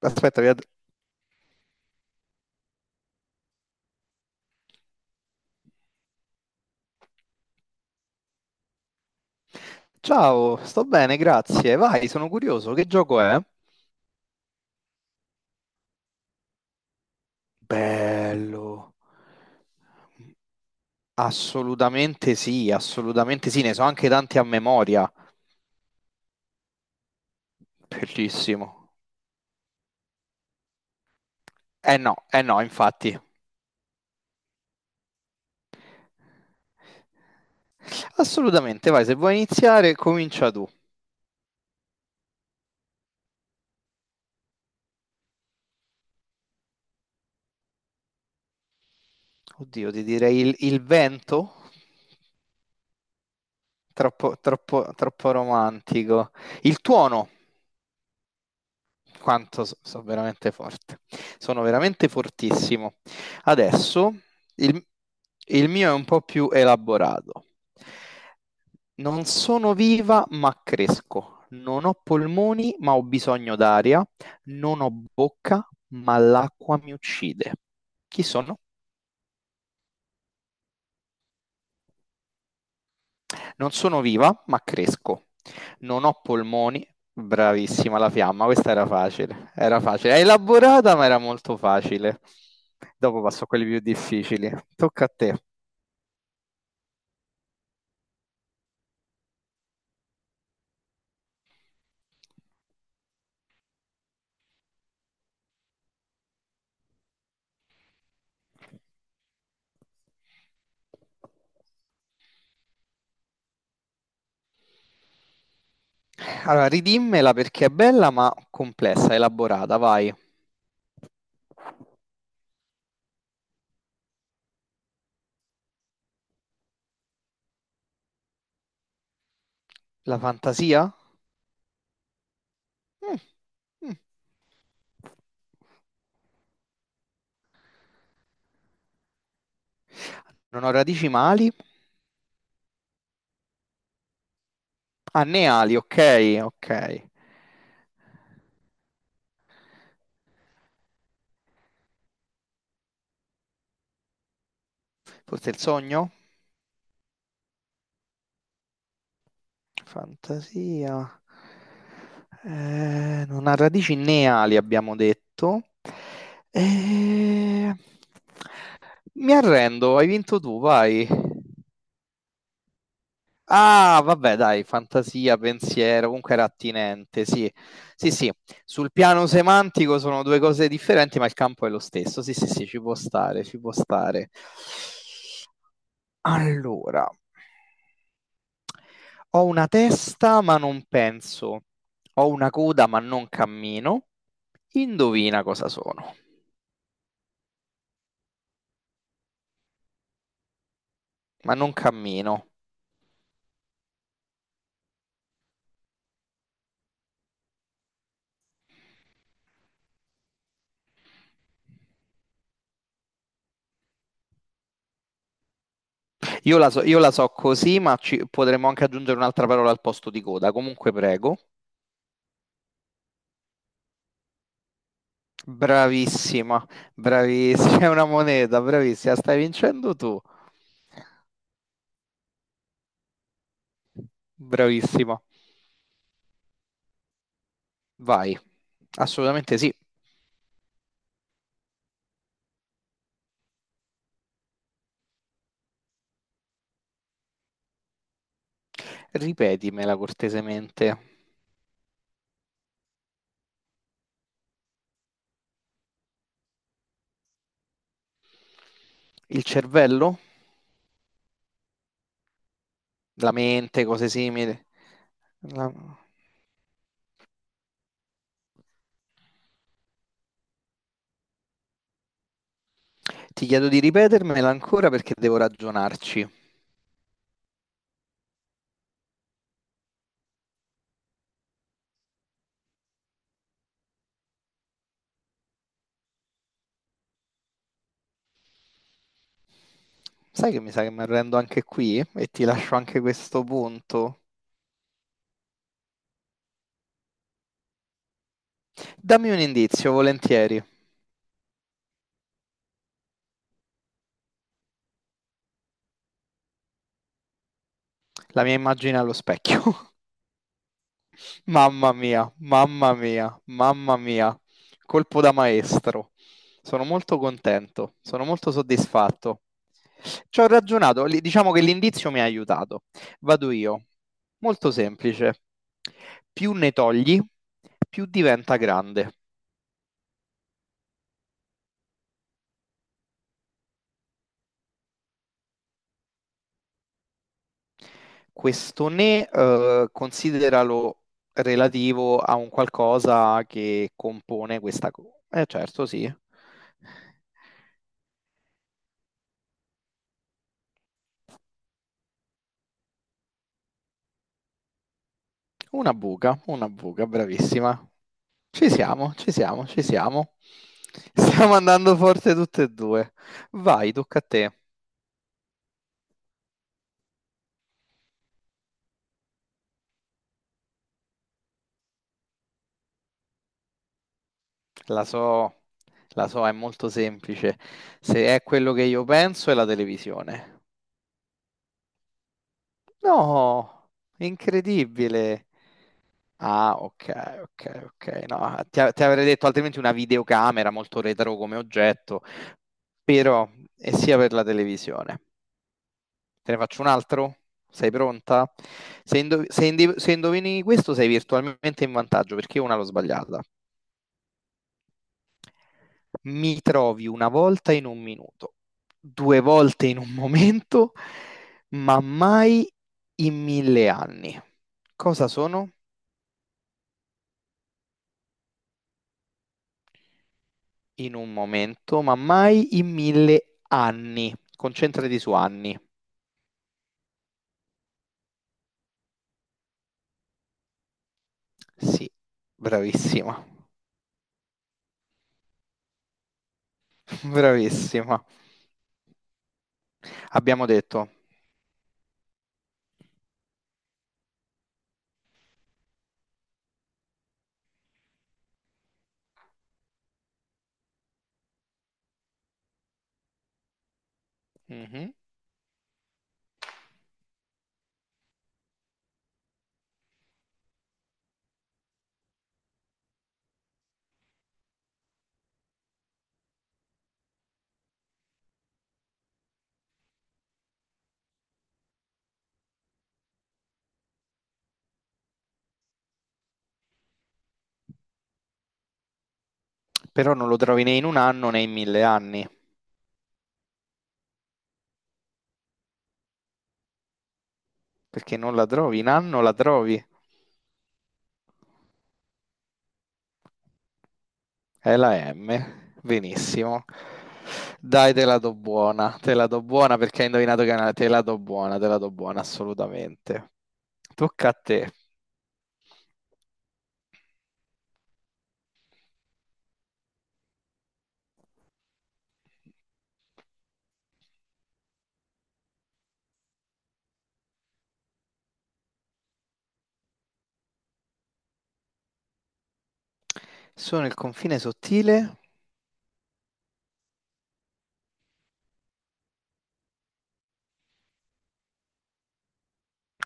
Aspetta, ciao, sto bene, grazie. Vai, sono curioso, che gioco è? Bello. Assolutamente sì, ne so anche tanti a memoria. Bellissimo. No, eh no, infatti. Assolutamente, vai, se vuoi iniziare, comincia tu. Oddio, ti direi il vento? Troppo, troppo, troppo romantico. Il tuono? Quanto sono veramente forte. Sono veramente fortissimo. Adesso il, il mio è un po' più elaborato. Non sono viva, ma cresco. Non ho polmoni, ma ho bisogno d'aria. Non ho bocca, ma l'acqua mi uccide. Chi sono? Non sono viva, ma cresco. Non ho polmoni. Bravissima, la fiamma, questa era facile. Era facile. È elaborata, ma era molto facile. Dopo passo a quelli più difficili. Tocca a te. Allora, ridimmela perché è bella, ma complessa, elaborata. Vai. La fantasia? Mm, mm. Non ho radici mali? Ah, né ali, ok, ok. Forse il sogno? Fantasia. Non ha radici né ali, abbiamo detto. Eh, mi arrendo, hai vinto tu, vai. Ah, vabbè, dai, fantasia, pensiero, comunque era attinente, sì. Sì, sì, sul piano semantico sono due cose differenti, ma il campo è lo stesso. Sì, sì, sì, ci può stare, ci può stare. Allora, ho una testa ma non penso, ho una coda ma non cammino. Indovina cosa sono, ma non cammino. Io la so così, ma potremmo anche aggiungere un'altra parola al posto di coda. Comunque, prego. Bravissima, bravissima, è una moneta, bravissima, stai vincendo tu. Bravissima. Vai. Assolutamente sì. Ripetimela cortesemente. Il cervello? La mente, cose simili. La- Ti chiedo di ripetermela ancora perché devo ragionarci. Sai che mi sa che mi arrendo anche qui e ti lascio anche questo punto. Dammi un indizio, volentieri. La mia immagine allo specchio. Mamma mia, mamma mia, mamma mia. Colpo da maestro. Sono molto contento, sono molto soddisfatto. Ci ho ragionato, diciamo che l'indizio mi ha aiutato. Vado io. Molto semplice. Più ne togli, più diventa grande. Questo ne consideralo relativo a un qualcosa che compone questa cosa. Eh certo, sì. Una buca, bravissima. Ci siamo, ci siamo, ci siamo. Stiamo andando forte tutte e due. Vai, tocca a te. La so, la so, è molto semplice. Se è quello che io penso, è la televisione. No, incredibile. Ah, ok, ok, ok. No, ti avrei detto altrimenti una videocamera molto retro come oggetto, però è sia per la televisione. Te ne faccio un altro? Sei pronta? Se, se indovini questo sei virtualmente in vantaggio perché io una l'ho sbagliata. Mi trovi una volta in un minuto, due volte in un momento, ma mai in 1000 anni. Cosa sono? In un momento, ma mai in mille anni. Concentrati su anni. Sì, bravissima, bravissima. Abbiamo detto, mhm. Però non lo trovi né in un anno né in 1000 anni, perché non la trovi in anno, la trovi. È la M, benissimo. Dai, te la do buona, te la do buona perché hai indovinato che è una... Te la do buona, te la do buona, assolutamente. Tocca a te. Sono il confine sottile.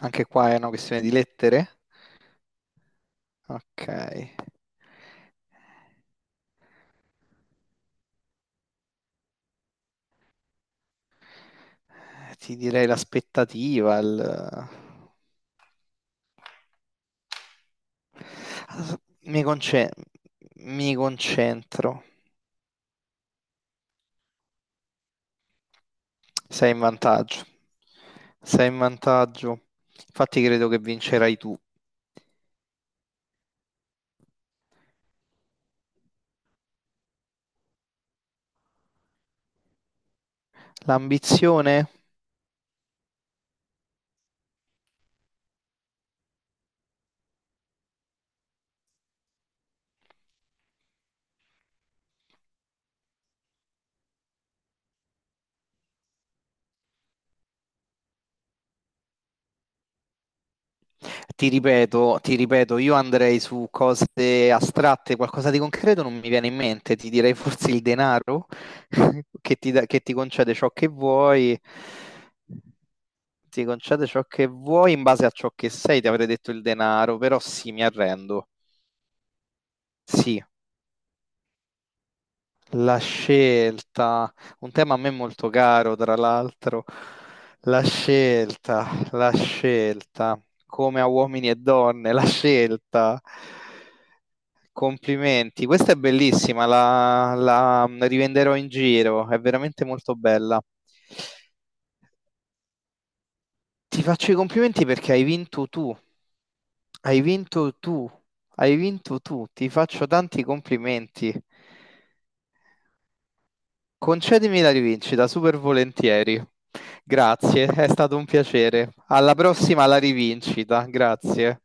Anche qua è una questione di lettere? Ok. Ti direi l'aspettativa, il... Mi conce- mi concentro. Sei in vantaggio. Sei in vantaggio. Infatti credo che vincerai tu. L'ambizione? Ti ripeto, io andrei su cose astratte, qualcosa di concreto non mi viene in mente, ti direi forse il denaro che che ti concede ciò che vuoi. Ti concede ciò che vuoi in base a ciò che sei, ti avrei detto il denaro, però sì, mi arrendo. Sì, la scelta, un tema a me molto caro, tra l'altro, la scelta, come a uomini e donne, la scelta. Complimenti, questa è bellissima, la, la rivenderò in giro, è veramente molto bella. Ti faccio i complimenti perché hai vinto tu, hai vinto tu, hai vinto tu, ti faccio tanti complimenti. Concedimi la rivincita, super volentieri. Grazie, è stato un piacere. Alla prossima, alla rivincita, grazie.